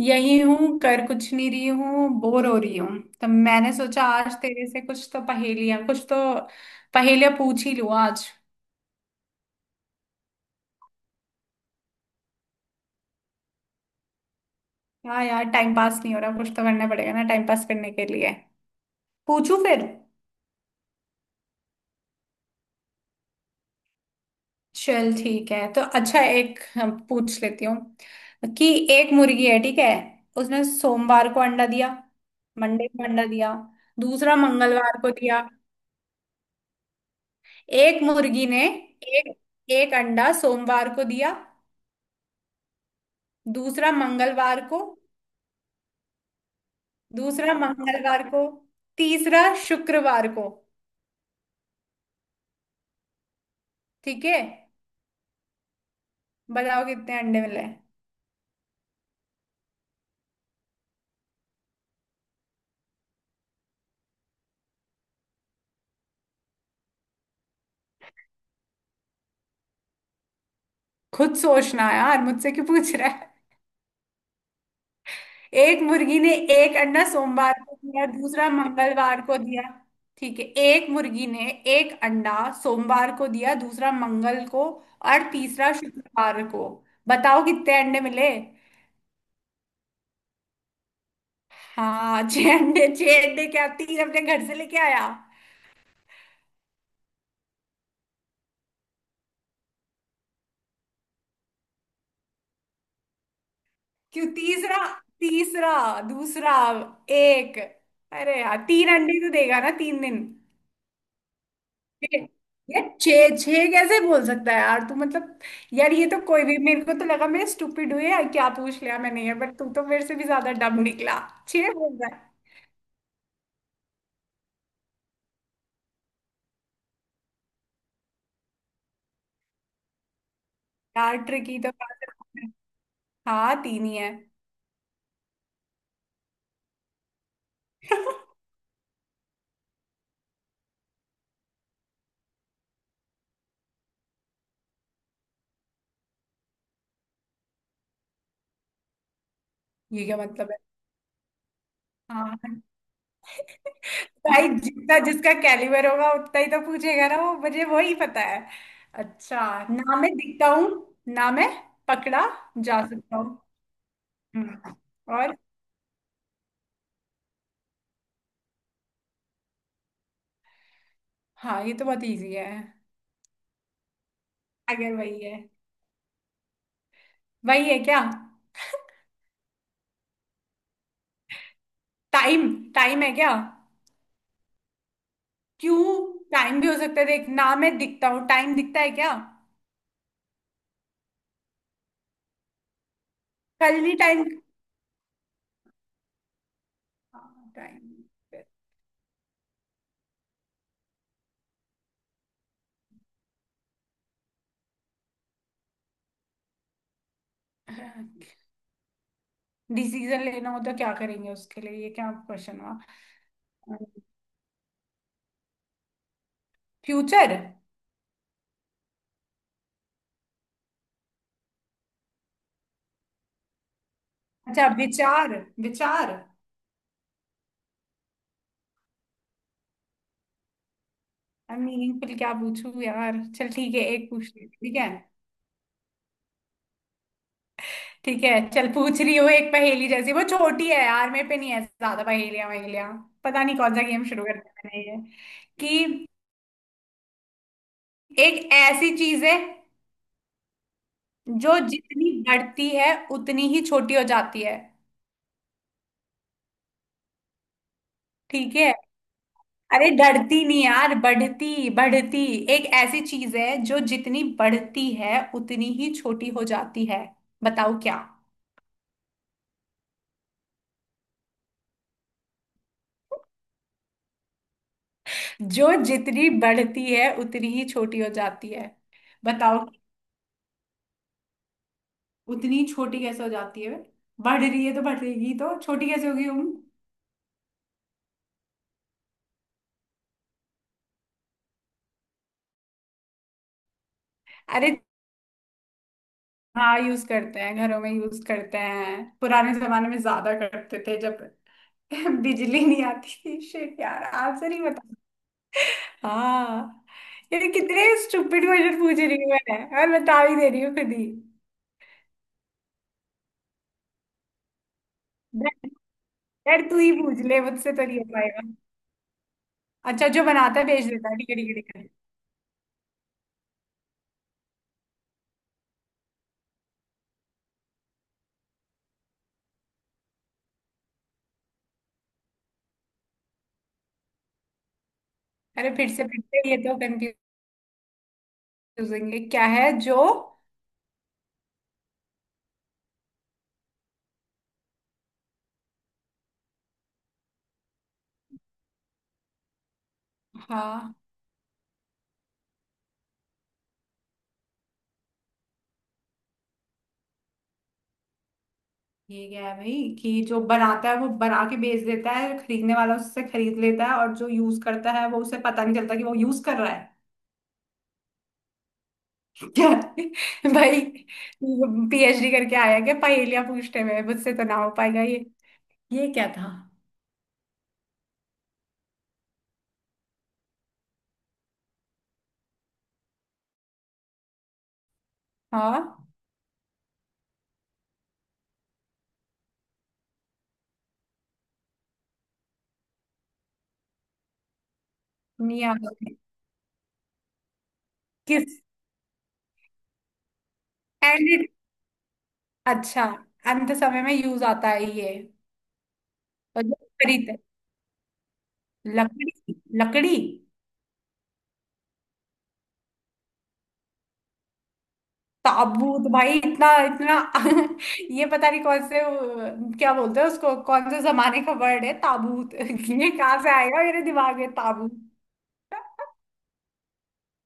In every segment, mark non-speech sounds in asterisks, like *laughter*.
यही हूँ, कर कुछ नहीं रही हूँ, बोर हो रही हूँ। तब मैंने सोचा आज तेरे से कुछ तो पहेलियाँ पूछ ही लूँ आज। हाँ यार, टाइम पास नहीं हो रहा, कुछ तो करना पड़ेगा ना टाइम पास करने के लिए। पूछू फिर। चल ठीक है, तो अच्छा एक हाँ, पूछ लेती हूँ कि एक मुर्गी है, ठीक है। उसने सोमवार को अंडा दिया, मंडे को अंडा दिया। दूसरा मंगलवार को दिया। एक मुर्गी ने एक, एक अंडा सोमवार को दिया, दूसरा मंगलवार को। दूसरा मंगलवार को, तीसरा शुक्रवार को। ठीक है, बताओ कितने अंडे मिले। खुद सोचना यार, मुझसे क्यों पूछ रहा है। एक मुर्गी ने एक अंडा सोमवार को दिया, दूसरा मंगलवार को दिया। ठीक है, एक मुर्गी ने एक अंडा सोमवार को दिया, दूसरा मंगल को और तीसरा शुक्रवार को। बताओ कितने अंडे मिले। हाँ छह अंडे, छह अंडे क्या, तीन अपने घर से लेके आया? क्यों तीसरा? तीसरा, दूसरा, एक। अरे यार, तीन अंडे तो देगा ना तीन दिन। छः। ये छः छः कैसे बोल सकता है यार तू, मतलब। यार ये तो कोई भी, मेरे को तो लगा मैं स्टूपिड हुई है, क्या पूछ लिया मैंने ये, बट तू तो मेरे से भी ज्यादा डम निकला। छः बोल रहा है। यार ट्रिकी तो बात है। हाँ तीन ही है। *laughs* ये क्या मतलब है। हाँ भाई, जितना जिसका कैलिबर होगा उतना ही तो पूछेगा ना, वो मुझे वही पता है। अच्छा। ना मैं दिखता हूँ, ना मैं पकड़ा जा सकता हूँ। हम्म, और। हाँ, ये तो बहुत इजी है। अगर वही है, वही है क्या। टाइम, टाइम है क्या। क्यों, टाइम भी हो सकता है, देख ना मैं दिखता हूँ, टाइम दिखता है क्या। कल ही टाइम। टाइम। डिसीजन लेना हो तो क्या करेंगे उसके लिए, ये क्या क्वेश्चन हुआ। फ्यूचर। अच्छा विचार, विचार। आई मीनिंगफुल, क्या पूछूं यार। चल ठीक है, एक पूछ ले, ठीक है। ठीक है, चल पूछ रही हो, एक पहेली जैसी, वो छोटी है यार, मेरे पे नहीं है ज्यादा पहेलियां वहेलियां। पता नहीं कौन सा गेम शुरू कर दिया मैंने ये, कि एक ऐसी चीज है जो जितनी बढ़ती है उतनी ही छोटी हो जाती है। ठीक है। अरे डरती नहीं यार, बढ़ती बढ़ती एक ऐसी चीज है जो जितनी बढ़ती है उतनी ही छोटी हो जाती है, बताओ क्या। जो जितनी बढ़ती है उतनी ही छोटी हो जाती है, बताओ। उतनी छोटी कैसे हो जाती है, बढ़ रही है तो बढ़ेगी, तो छोटी कैसे होगी। अरे। हाँ यूज करते हैं, घरों में यूज करते हैं, पुराने जमाने में ज्यादा करते थे जब *laughs* बिजली नहीं आती थी। शिट यार, आंसर ही बता। हाँ। ये कितने स्टूपिड क्वेश्चन पूछ रही हूँ मैं, और बता भी दे रही हूँ खुद ही। डर, डर तू ही पूछ ले, मुझसे तो नहीं हो पाएगा। अच्छा जो बनाता है भेज देता है, ठीक है ठीक है ठीक है। अरे फिर से, फिर से, ये तो कंफ्यूजिंग है, क्या है जो। हाँ। ये क्या है भाई, कि जो बनाता है वो बना के बेच देता है, जो खरीदने वाला उससे खरीद लेता है, और जो यूज करता है वो उसे पता नहीं चलता कि वो यूज कर रहा है। *laughs* क्या भाई, पीएचडी करके आया क्या पहेलियां पूछने में, मुझसे तो ना हो पाएगा ये। ये क्या था। हाँ। नहीं आ। *laughs* किस। एंड इट। अच्छा, अंत समय में यूज आता है ये। और जो खरीदते, लकड़ी, लकड़ी। ताबूत, भाई इतना इतना *laughs* ये पता नहीं कौन से वो- क्या बोलते हैं उसको, कौन से जमाने का वर्ड है ताबूत। *laughs* ये कहाँ से आएगा मेरे दिमाग में ताबूत।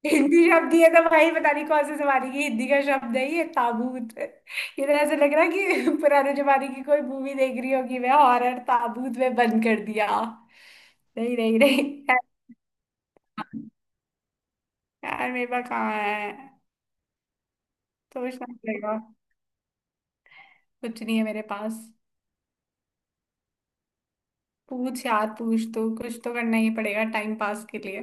हिंदी शब्द ही है तो भाई, पता नहीं कौन से जमाने की हिंदी का शब्द है ये ताबूत। ये तो ऐसे लग रहा है कि *laughs* पुराने जमाने की कोई मूवी देख रही होगी मैं हॉरर, ताबूत में बंद कर दिया। नहीं नहीं नहीं। यार मेरे पास कहाँ है, सोचना पड़ेगा। कुछ नहीं है मेरे पास। पूछ यार पूछ, तू कुछ तो करना ही पड़ेगा टाइम पास के लिए।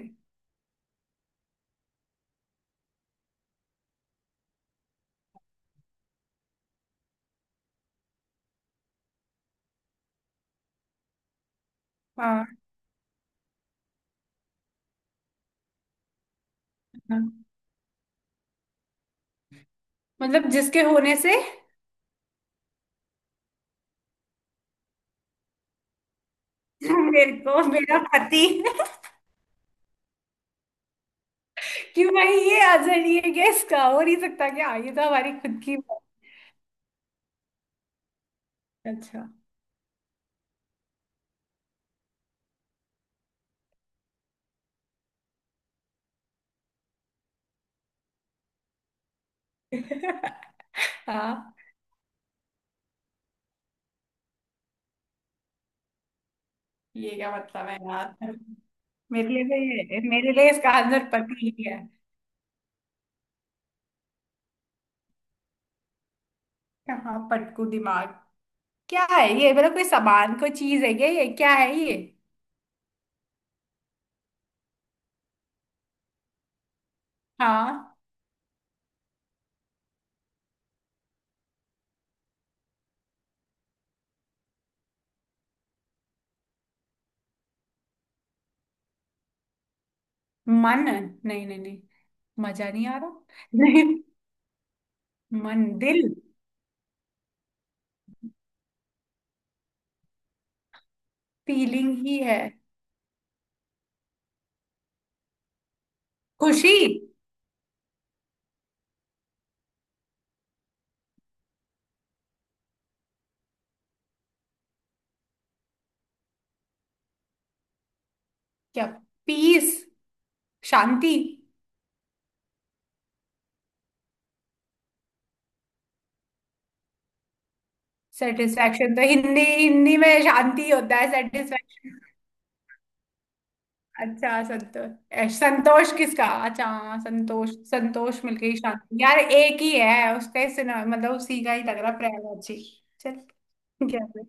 हाँ। हाँ। मतलब जिसके होने से *laughs* मेरे को मेरा पति। कि भाई ये अजर ये गेस का हो नहीं सकता क्या, ये तो हमारी खुद की। अच्छा। *laughs* हाँ, ये क्या मतलब है यार। मेरे लिए तो, ये मेरे लिए इसका आंसर पति ही है। हाँ पटकू दिमाग। क्या है ये, मतलब कोई सामान, कोई चीज है क्या ये, क्या है ये। हाँ मन। नहीं नहीं नहीं, मजा नहीं आ रहा। नहीं। मन, दिल। फीलिंग ही है। खुशी। क्या? पीस, शांति। सेटिस्फेक्शन तो हिंदी, हिंदी में शांति होता है। अच्छा संतोष। संतोष किसका, अच्छा हाँ, संतोष। संतोष मिलके ही शांति यार, एक ही है उसका ही सुना, मतलब उसी का ही लग रहा प्रयाग जी। चल। क्या है?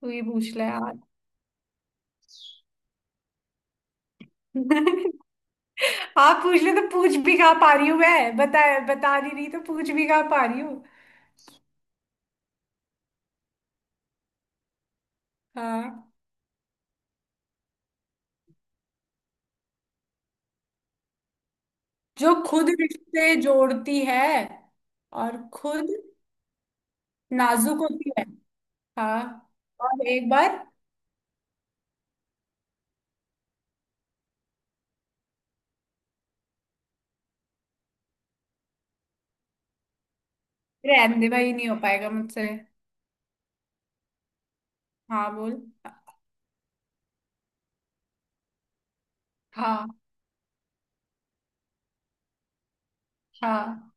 तू ही पूछ ले यार। *laughs* आप पूछ ले तो पूछ भी कहाँ पा रही हूँ मैं, बता। बता नहीं रही तो पूछ भी कहाँ पा रही हूँ। हाँ। जो खुद रिश्ते जोड़ती है और खुद नाजुक होती है। हाँ। और एक बार, रहने दे भाई, नहीं हो पाएगा मुझसे। हाँ बोल। हाँ हाँ।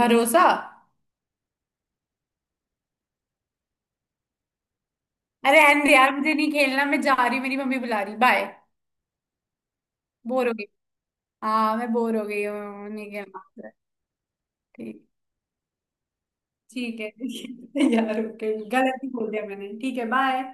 भरोसा। अरे एंड यार, मुझे नहीं खेलना, मैं जा रही हूँ, मेरी मम्मी बुला रही, बाय। बोर हो गई, हाँ मैं बोर हो गई हूँ, नहीं खेलना। ठीक। ठीक है *laughs* यार, ओके गलत ही बोल दिया मैंने, ठीक है बाय।